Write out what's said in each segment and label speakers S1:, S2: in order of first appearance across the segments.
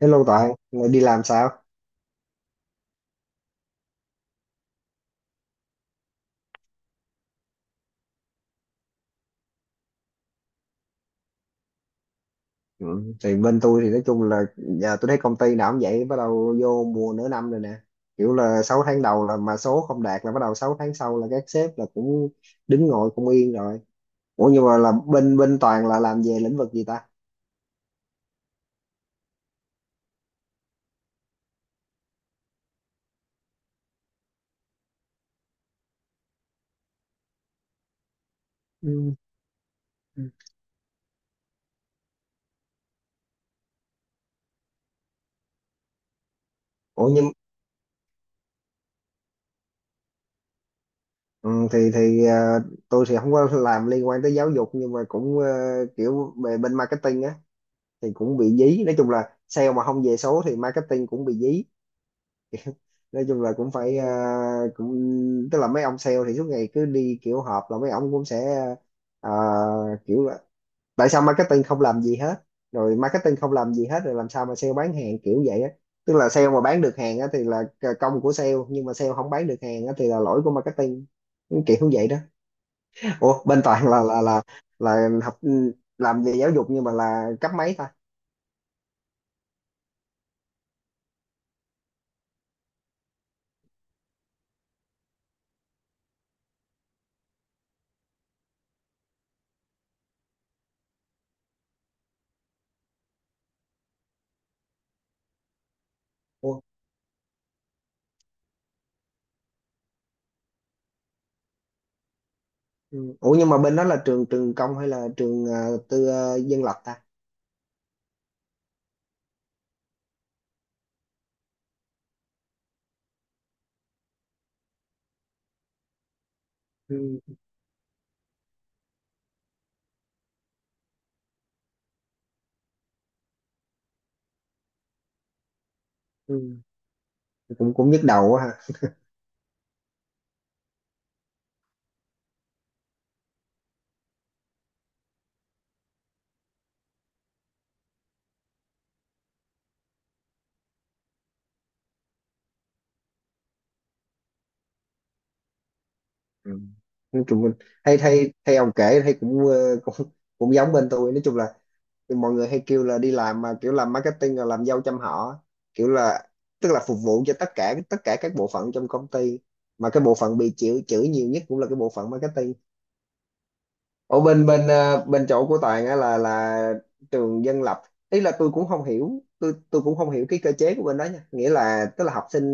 S1: Hello Toàn, ngày đi làm sao? Ừ. Thì bên tôi thì nói chung là giờ tôi thấy công ty nào cũng vậy, bắt đầu vô mùa nửa năm rồi nè. Kiểu là 6 tháng đầu là mà số không đạt là bắt đầu 6 tháng sau là các sếp là cũng đứng ngồi không yên rồi. Ủa nhưng mà là bên bên Toàn là làm về lĩnh vực gì ta? Ừ. Ừ. Ủa nhưng ừ, thì tôi thì không có làm liên quan tới giáo dục nhưng mà cũng kiểu về bên marketing á thì cũng bị dí. Nói chung là sale mà không về số thì marketing cũng bị dí. Nói chung là cũng phải, cũng tức là mấy ông sale thì suốt ngày cứ đi kiểu họp là mấy ông cũng sẽ, à, kiểu là tại sao marketing không làm gì hết, rồi marketing không làm gì hết rồi làm sao mà sale bán hàng kiểu vậy á. Tức là sale mà bán được hàng á thì là công của sale, nhưng mà sale không bán được hàng á thì là lỗi của marketing, kiểu như vậy đó. Ủa bên Toàn là học, làm về giáo dục nhưng mà là cấp mấy ta? Ủa, ừ. Ủa nhưng mà bên đó là trường trường công hay là trường, tư, dân lập ta? Ừ. Ừ. cũng cũng nhức đầu quá ha. Ừ. nói chung là- hay hay hay ông kể thấy cũng, cũng cũng giống bên tôi. Nói chung là mọi người hay kêu là đi làm mà kiểu làm marketing là làm dâu trăm họ, kiểu là tức là phục vụ cho tất cả các bộ phận trong công ty, mà cái bộ phận bị chịu chửi nhiều nhất cũng là cái bộ phận marketing. Ở bên bên ờ, bên chỗ của Toàn á là trường dân lập, ý là tôi cũng không hiểu, tôi cũng không hiểu cái cơ chế của bên đó nha, nghĩa là tức là học sinh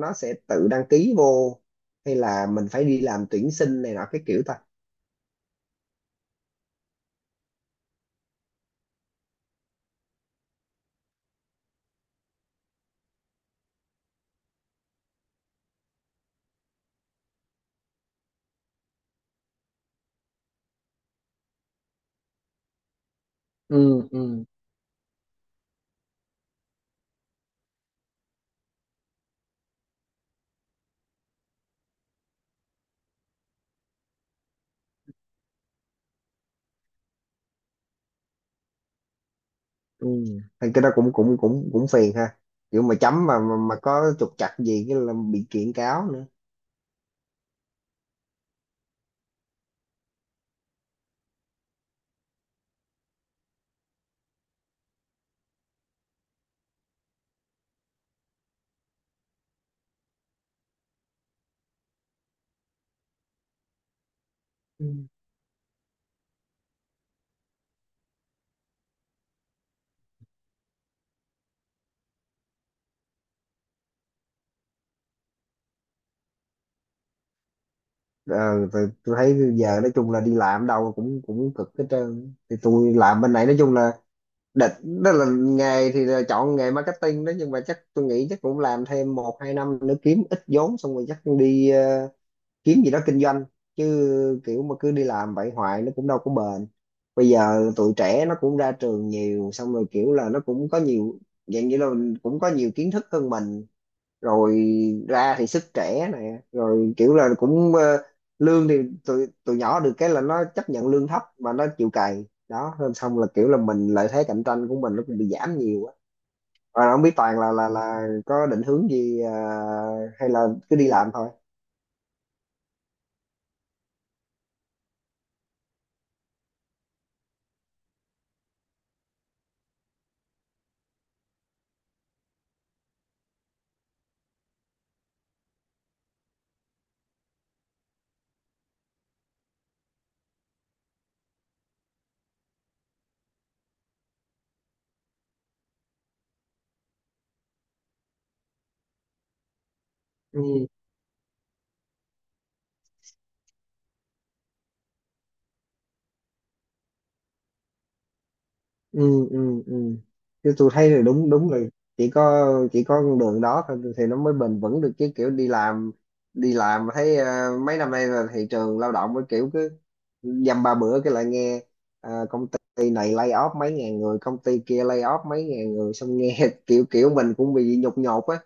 S1: nó sẽ tự đăng ký vô, hay là mình phải đi làm tuyển sinh này nọ cái kiểu ta? Ừ, ừ, ừ. Thì cái đó cũng cũng cũng cũng phiền ha, kiểu mà chấm mà có trục trặc gì cái là bị kiện cáo nữa. Ừ. ờ, tôi thấy giờ nói chung là đi làm đâu cũng cũng cực hết trơn. Thì tôi làm bên này nói chung là định đó là nghề thì là chọn nghề marketing đó, nhưng mà chắc tôi nghĩ chắc cũng làm thêm một hai năm nữa kiếm ít vốn xong rồi chắc đi, kiếm gì đó kinh doanh. Chứ kiểu mà cứ đi làm vậy hoài nó cũng đâu có bền. Bây giờ tụi trẻ nó cũng ra trường nhiều, xong rồi kiểu là nó cũng có nhiều dạng, như là cũng có nhiều kiến thức hơn mình. Rồi ra thì sức trẻ này, rồi kiểu là cũng, lương thì tụi tụi nhỏ được cái là nó chấp nhận lương thấp mà nó chịu cày đó, nên xong là kiểu là mình, lợi thế cạnh tranh của mình nó cũng bị giảm nhiều á. Rồi không biết Toàn là có định hướng gì, hay là cứ đi làm thôi? Ừ. Ừ, ừ, ừ, chứ tôi thấy là đúng đúng là chỉ có, con đường đó thôi thì nó mới bền vững được, chứ kiểu đi làm, thấy mấy năm nay là thị trường lao động mới kiểu cứ dăm ba bữa cái lại nghe, công ty này lay off mấy ngàn người, công ty kia lay off mấy ngàn người, xong nghe kiểu kiểu mình cũng bị nhột nhột á.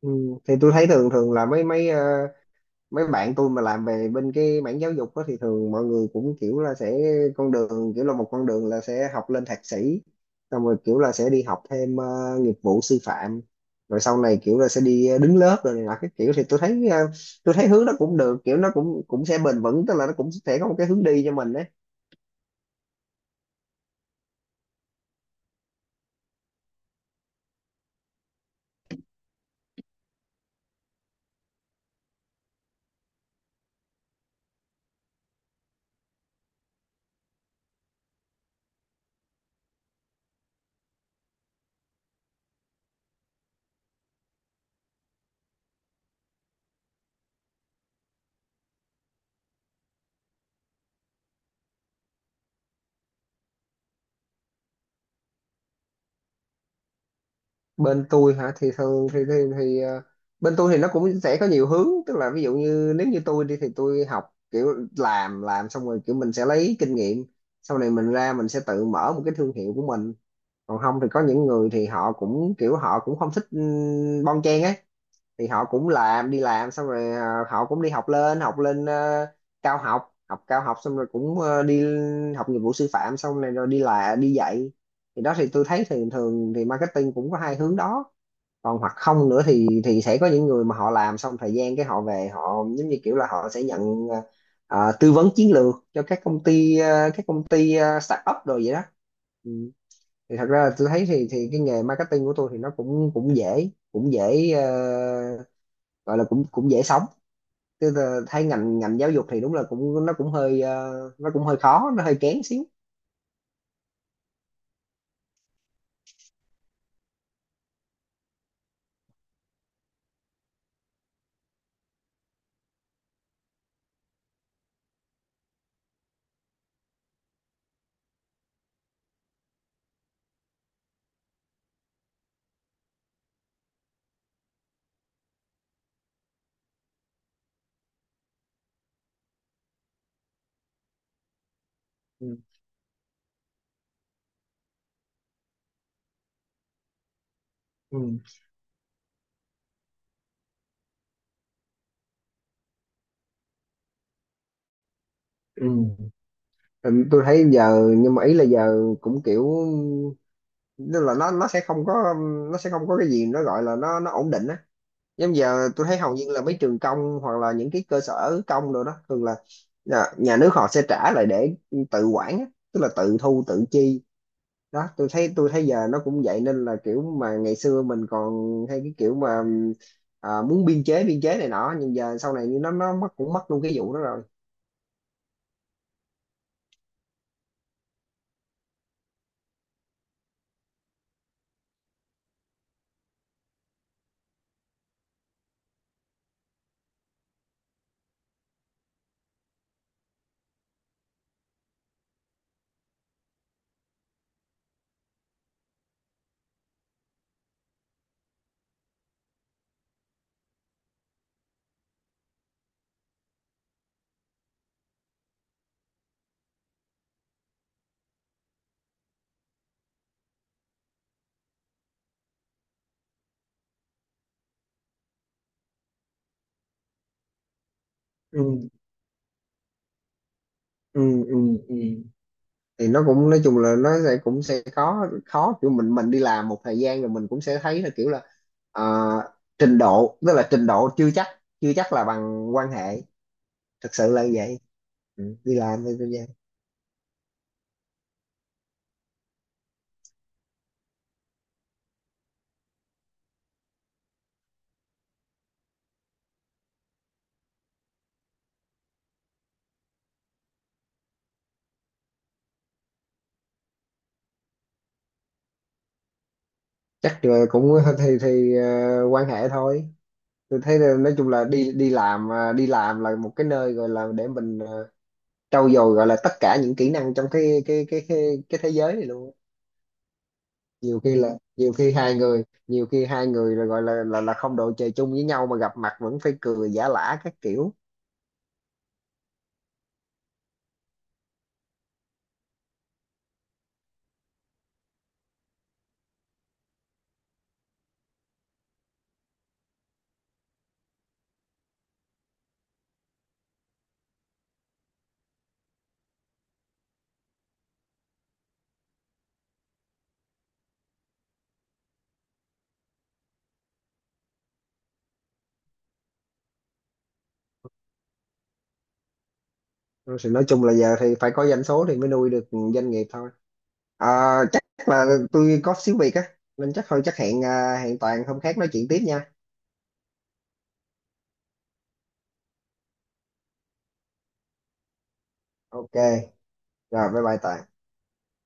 S1: Ừ. Thì tôi thấy thường thường là mấy mấy ờ, mấy bạn tôi mà làm về bên cái mảng giáo dục đó, thì thường mọi người cũng kiểu là sẽ con đường, kiểu là một con đường là sẽ học lên thạc sĩ, xong rồi kiểu là sẽ đi học thêm nghiệp vụ sư phạm, rồi sau này kiểu là sẽ đi, đứng lớp rồi này nọ cái kiểu. Thì tôi thấy, tôi thấy hướng nó cũng được, kiểu nó cũng cũng sẽ bền vững, tức là nó cũng sẽ có một cái hướng đi cho mình đấy. Bên tôi hả, thì thường bên tôi thì nó cũng sẽ có nhiều hướng, tức là ví dụ như nếu như tôi đi thì tôi học kiểu làm xong rồi kiểu mình sẽ lấy kinh nghiệm, sau này mình ra mình sẽ tự mở một cái thương hiệu của mình. Còn không thì có những người thì họ cũng kiểu họ cũng không thích, bon chen ấy, thì họ cũng làm đi làm xong rồi, họ cũng đi học lên, cao học, xong rồi cũng, đi học nghiệp vụ sư phạm xong rồi rồi đi là đi dạy. Thì đó thì tôi thấy thường thường thì marketing cũng có hai hướng đó. Còn hoặc không nữa thì sẽ có những người mà họ làm xong thời gian cái họ về, họ giống như kiểu là họ sẽ nhận, tư vấn chiến lược cho các công ty, các công ty startup rồi vậy đó. Ừ. Thì thật ra là tôi thấy thì cái nghề marketing của tôi thì nó cũng cũng dễ, cũng dễ, gọi là cũng cũng dễ sống. Tôi thấy ngành ngành giáo dục thì đúng là cũng, nó cũng hơi, nó cũng hơi khó, nó hơi kén xíu. Ừ. Ừ. Ừ. Ừ, tôi thấy giờ nhưng mà ý là giờ cũng kiểu, nên là nó sẽ không có, cái gì nó gọi là nó ổn định á. Giống giờ tôi thấy hầu như là mấy trường công hoặc là những cái cơ sở công rồi đó, thường là nhà nước họ sẽ trả lại để tự quản á, tức là tự thu tự chi đó. Tôi thấy giờ nó cũng vậy, nên là kiểu mà ngày xưa mình còn hay cái kiểu mà, muốn biên chế này nọ, nhưng giờ sau này nó mất, cũng mất luôn cái vụ đó rồi. Ừ, ừ, ừ, ừ, thì nó cũng nói chung là nó sẽ, cũng sẽ khó, khó kiểu mình, đi làm một thời gian rồi mình cũng sẽ thấy là kiểu là, ờ, trình độ, tức là trình độ chưa chắc là bằng quan hệ. Thật sự là như vậy. Ừ, đi làm thì tôi vậy. Chắc là cũng, thì quan hệ thôi. Tôi thấy là nói chung là đi đi làm, đi làm là một cái nơi gọi là để mình, trau dồi, gọi là tất cả những kỹ năng trong cái cái thế giới này luôn á. Nhiều khi là, nhiều khi hai người là gọi là không đội trời chung với nhau, mà gặp mặt vẫn phải cười giả lả các kiểu. Rồi thì nói chung là giờ thì phải có doanh số thì mới nuôi được doanh nghiệp thôi. à, Chắc là tôi có xíu việc á, nên chắc thôi, chắc hẹn, hẹn Toàn hôm khác nói chuyện tiếp nha. Ok, rồi bye bye Toàn.